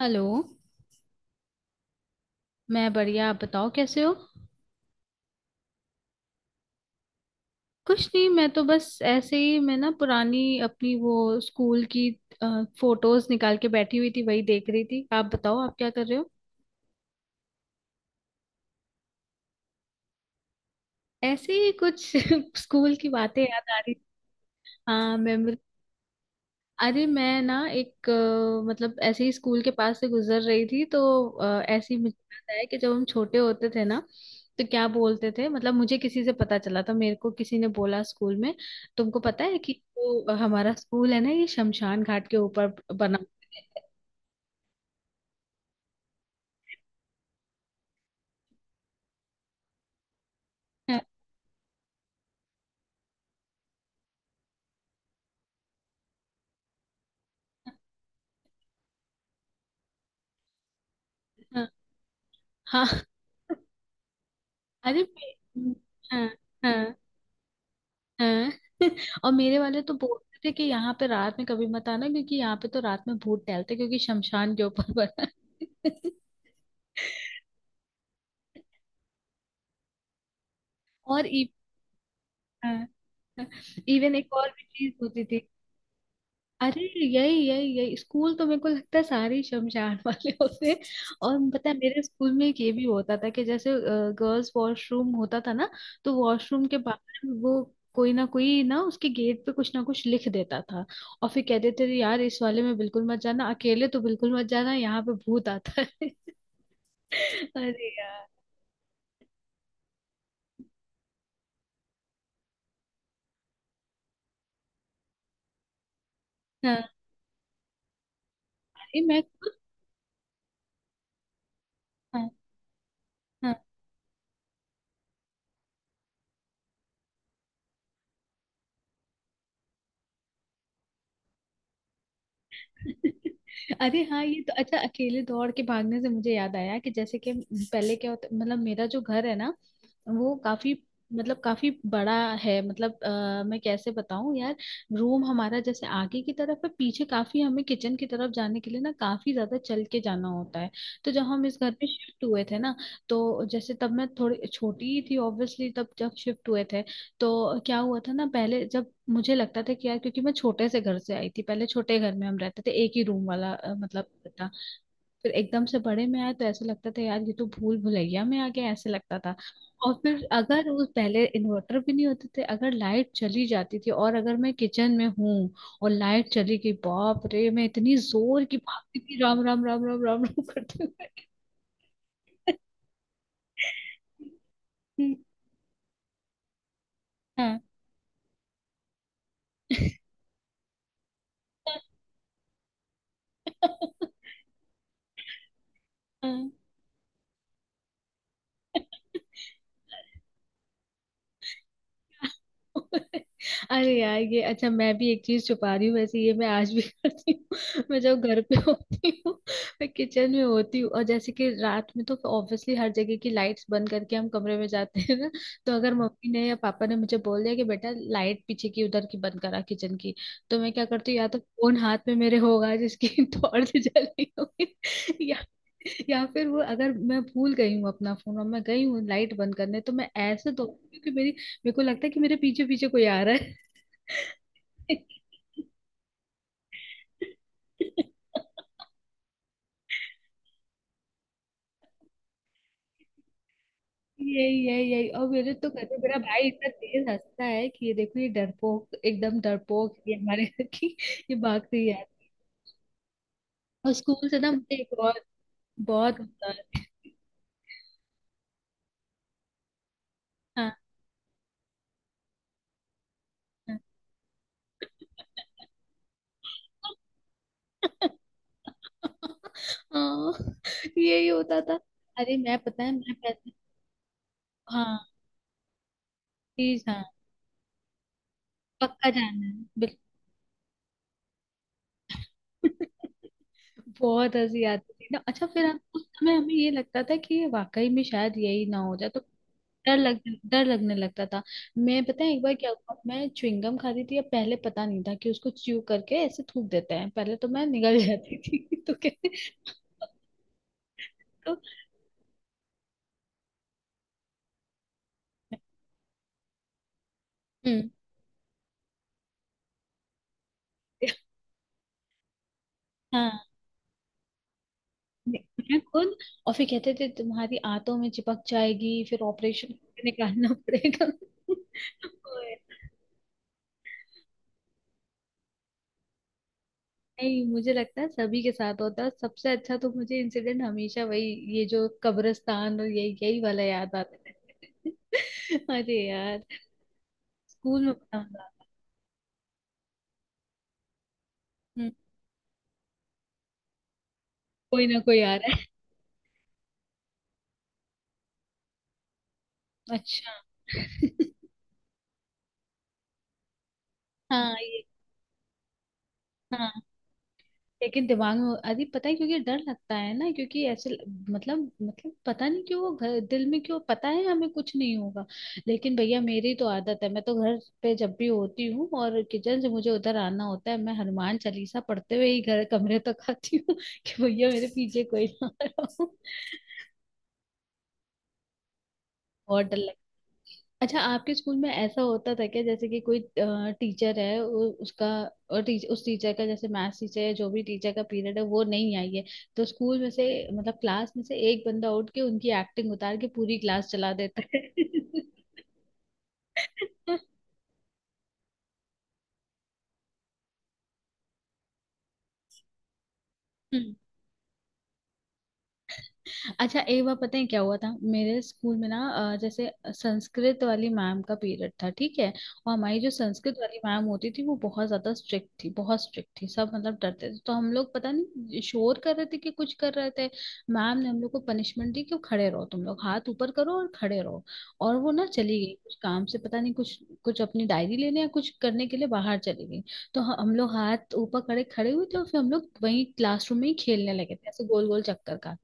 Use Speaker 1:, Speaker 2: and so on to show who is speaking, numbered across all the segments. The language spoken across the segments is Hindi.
Speaker 1: हेलो। मैं बढ़िया, आप बताओ कैसे हो? कुछ नहीं, मैं तो बस ऐसे ही, मैं ना पुरानी अपनी वो स्कूल की फोटोज निकाल के बैठी हुई थी, वही देख रही थी। आप बताओ आप क्या कर रहे हो? ऐसे ही कुछ स्कूल की बातें याद आ रही। हाँ। अरे मैं ना एक मतलब ऐसे ही स्कूल के पास से गुजर रही थी तो ऐसे ही मुझे याद आया कि जब हम छोटे होते थे ना, तो क्या बोलते थे। मतलब मुझे किसी से पता चला था, मेरे को किसी ने बोला स्कूल में, तुमको पता है कि जो हमारा स्कूल है ना, ये शमशान घाट के ऊपर बना हुआ है। हाँ हाँ हाँ। अरे मे- हाँ हाँ हाँ। और मेरे वाले तो बोलते थे कि यहाँ पे रात में कभी मत आना, क्योंकि यहाँ पे तो रात में भूत टहलते हैं, क्योंकि शमशान के ऊपर बना है। और इवन एक और भी चीज होती थी। अरे यही यही यही स्कूल तो मेरे को लगता है सारे ही शमशान वाले होते हैं। और पता है मेरे स्कूल में एक ये भी होता था कि जैसे गर्ल्स वॉशरूम होता था ना, तो वॉशरूम के बाहर वो कोई ना उसके गेट पे कुछ ना कुछ लिख देता था। और फिर कहते थे यार इस वाले में बिल्कुल मत जाना, अकेले तो बिल्कुल मत जाना, यहाँ पे भूत आता है। अरे यार। हाँ ये मैं खुद। हाँ हाँ। अरे हाँ ये तो अच्छा, अकेले दौड़ के भागने से मुझे याद आया कि जैसे कि पहले क्या होता, मतलब मेरा जो घर है ना, वो काफी, मतलब काफी बड़ा है। मतलब मैं कैसे बताऊं यार, रूम हमारा जैसे आगे की तरफ है, पीछे काफी, हमें किचन की तरफ जाने के लिए ना काफी ज्यादा चल के जाना होता है। तो जब हम इस घर पे शिफ्ट हुए थे ना, तो जैसे तब मैं थोड़ी छोटी ही थी, ऑब्वियसली तब जब शिफ्ट हुए थे, तो क्या हुआ था ना, पहले जब मुझे लगता था कि यार, क्योंकि मैं छोटे से घर से आई थी, पहले छोटे घर में हम रहते थे, एक ही रूम वाला मतलब था। फिर एकदम से बड़े में आए तो ऐसा लगता था यार ये तो भूल भुलैया में आ गया, ऐसे लगता था। और फिर अगर उस पहले इन्वर्टर भी नहीं होते थे, अगर लाइट चली जाती थी और अगर मैं किचन में हूँ और लाइट चली गई, बाप रे मैं इतनी जोर की भागती थी राम राम राम राम राम राम करते हुए। हाँ। हाँ अरे यार ये अच्छा, मैं भी एक चीज छुपा रही हूँ वैसे, ये मैं आज भी करती हूँ। मैं जब घर पे होती हूँ, मैं किचन में होती हूँ और जैसे कि रात में तो ऑब्वियसली हर जगह की लाइट्स बंद करके हम कमरे में जाते हैं ना, तो अगर मम्मी ने या पापा ने मुझे बोल दिया कि बेटा लाइट पीछे की, उधर की बंद करा, किचन की, तो मैं क्या करती हूँ, या तो फोन हाथ में मेरे होगा जिसकी टॉर्च जल रही होगी, या या फिर वो अगर मैं भूल गई हूँ अपना फोन और मैं गई हूँ लाइट बंद करने, तो मैं ऐसे दौड़ती हूँ कि मेरी, मेरे को लगता है कि मेरे पीछे पीछे कोई आ रहा है। यही यही यही। और मेरे तो घर में मेरा भाई इतना तेज हंसता है कि ये देखो ये डरपोक, एकदम डरपोक, ये हमारे घर की ये भागती है। और स्कूल से ना मुझे एक और बहुत होता है। हाँ हाँ। हाँ, यही होता था। अरे मैं पता है, मैं पैसे। हाँ प्लीज, हाँ पक्का जाना है, बिल्कुल। बहुत हंसी आती थी ना। अच्छा फिर हम उस समय, हमें ये लगता था कि ये वाकई में शायद यही ना हो जाए, तो डर लग डर लगने लगता था। मैं पता है एक बार क्या हुआ, मैं च्युइंगम खाती थी या पहले पता नहीं था कि उसको च्यू करके ऐसे थूक देते हैं, पहले तो मैं निगल जाती थी। तो कहते तो, हम्म, हाँ, मैं खुद। और फिर कहते थे तुम्हारी आंतों में चिपक जाएगी, फिर ऑपरेशन निकालना पड़ेगा। नहीं मुझे लगता है सभी के साथ होता है। सबसे अच्छा तो मुझे इंसिडेंट हमेशा वही, ये जो कब्रिस्तान और यही यही वाला याद आता है। अरे यार। स्कूल में पता होगा। हम्म, कोई ना कोई आ रहा है। अच्छा। हाँ ये, हाँ लेकिन दिमाग में, अरे पता है क्योंकि डर लगता है ना, क्योंकि ऐसे, मतलब पता नहीं क्यों वो घर दिल में क्यों, पता है हमें कुछ नहीं होगा, लेकिन भैया मेरी तो आदत है, मैं तो घर पे जब भी होती हूँ और किचन से मुझे उधर आना होता है, मैं हनुमान चालीसा पढ़ते हुए ही घर, कमरे तक आती हूँ, कि भैया मेरे पीछे कोई ना आ रहा हो। बहुत डर। अच्छा आपके स्कूल में ऐसा होता था क्या, जैसे कि कोई टीचर है वो उसका, और टीच, उस टीचर का जैसे मैथ्स टीचर या जो भी टीचर का पीरियड है वो नहीं आई है, तो स्कूल में से, मतलब क्लास में से एक बंदा उठ के उनकी एक्टिंग उतार के पूरी क्लास चला देता है। हम्म। अच्छा एक बार पता है क्या हुआ था मेरे स्कूल में ना, जैसे संस्कृत वाली मैम का पीरियड था, ठीक है, और हमारी जो संस्कृत वाली मैम होती थी वो बहुत ज्यादा स्ट्रिक्ट थी, बहुत स्ट्रिक्ट थी, सब मतलब डरते थे। तो हम लोग पता नहीं शोर कर रहे थे कि कुछ कर रहे थे, मैम ने हम लोग को पनिशमेंट दी कि खड़े रहो, तुम लोग हाथ ऊपर करो और खड़े रहो, और वो ना चली गई कुछ काम से, पता नहीं कुछ, कुछ अपनी डायरी लेने या कुछ करने के लिए बाहर चली गई। तो ह- हम लोग हाथ ऊपर खड़े खड़े हुए थे और फिर हम लोग वहीं क्लासरूम में ही खेलने लगे थे ऐसे गोल गोल चक्कर का।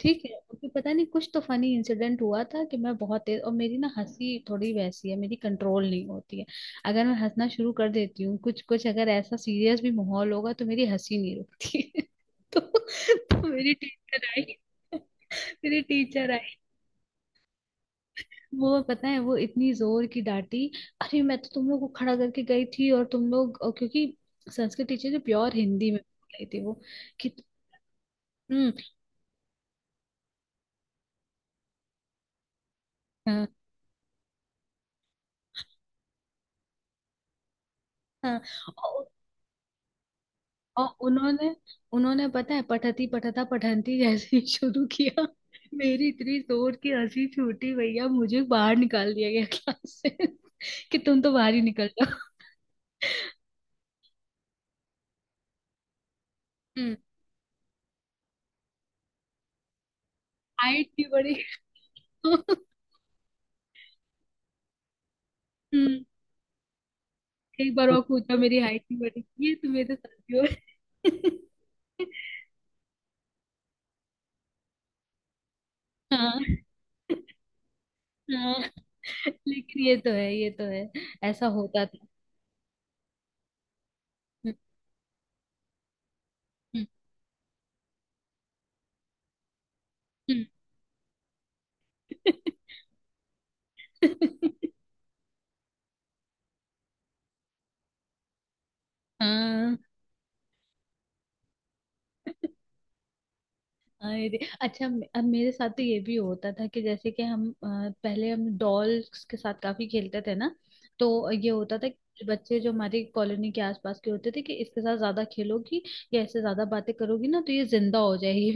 Speaker 1: ठीक है, क्योंकि पता नहीं कुछ तो फनी इंसिडेंट हुआ था कि मैं बहुत तेज, और मेरी ना हंसी थोड़ी वैसी है, मेरी कंट्रोल नहीं होती है। अगर मैं हंसना शुरू कर देती हूँ, कुछ कुछ अगर ऐसा सीरियस भी माहौल होगा तो मेरी हंसी नहीं रुकती है। तो मेरी टीचर आई। मेरी टीचर आई, वो पता है वो इतनी जोर की डांटी, अरे मैं तो तुम लोग को खड़ा करके गई थी और तुम लोग, और क्योंकि संस्कृत टीचर जो प्योर हिंदी में बोल रही थी, वो कि, हम्म, हाँ हाँ। और उन्होंने, उन्होंने पता है पठती पठता पठंती जैसे ही शुरू किया, मेरी इतनी जोर की हंसी छूटी भैया, मुझे बाहर निकाल दिया गया क्लास से। कि तुम तो बाहर ही निकल जाओ। हम्म। हाइट नहीं बढ़ी। हम्म। एक बार और पूछा मेरी हाइट नहीं बढ़ी, ये तुम्हें तो साथी हो। हाँ। हाँ लेकिन ये तो है, ये तो है, ऐसा होता था। हम्म, हम्म, हम्म। हाँ। अरे अच्छा मे-, अब मेरे साथ तो ये भी होता था कि जैसे कि हम पहले हम डॉल्स के साथ काफी खेलते थे ना, तो ये होता था कि बच्चे जो हमारी कॉलोनी के आसपास के होते थे कि इसके साथ ज्यादा खेलोगी या इससे ज्यादा बातें करोगी ना तो ये जिंदा हो जाएगी।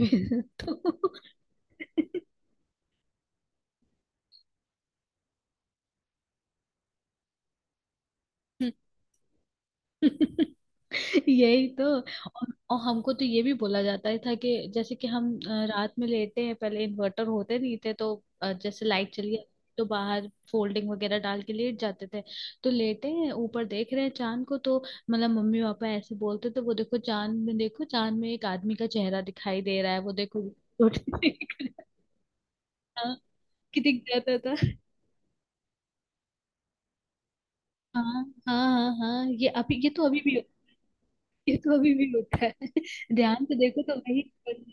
Speaker 1: तो यही तो, और हमको तो ये भी बोला जाता ही था कि जैसे कि हम रात में लेते हैं, पहले इन्वर्टर होते नहीं थे तो जैसे लाइट चली जाती, तो बाहर फोल्डिंग वगैरह डाल के लेट जाते थे, तो लेटे हैं ऊपर देख रहे हैं चांद को, तो मतलब मम्मी पापा ऐसे बोलते तो, वो देखो चांद में, देखो चांद में एक आदमी का चेहरा दिखाई दे रहा है, वो देखो उठ के देख रहा है। हाँ, कि दिख जाता था। हाँ हाँ हाँ हाँ ये अभी, ये तो अभी भी, ये तो अभी भी होता है। ध्यान से देखो तो वही।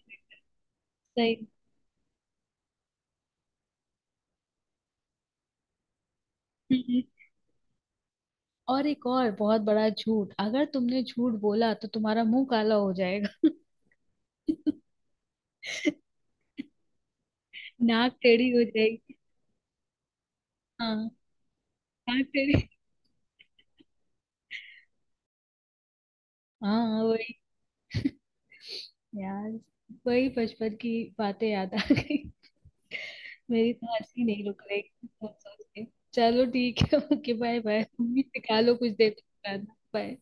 Speaker 1: सही। हम्म, हम्म। और एक और बहुत बड़ा झूठ, अगर तुमने झूठ बोला तो तुम्हारा मुंह काला हो जाएगा। नाक टेढ़ी हो जाएगी। हाँ नाक टेढ़ी। हाँ वही। यार वही बचपन की बातें याद आ गई, मेरी तो हंसी नहीं रुक रही सोच सोच के। चलो ठीक है, ओके बाय बाय, तुम भी सिखा लो कुछ देर बाद। बाय।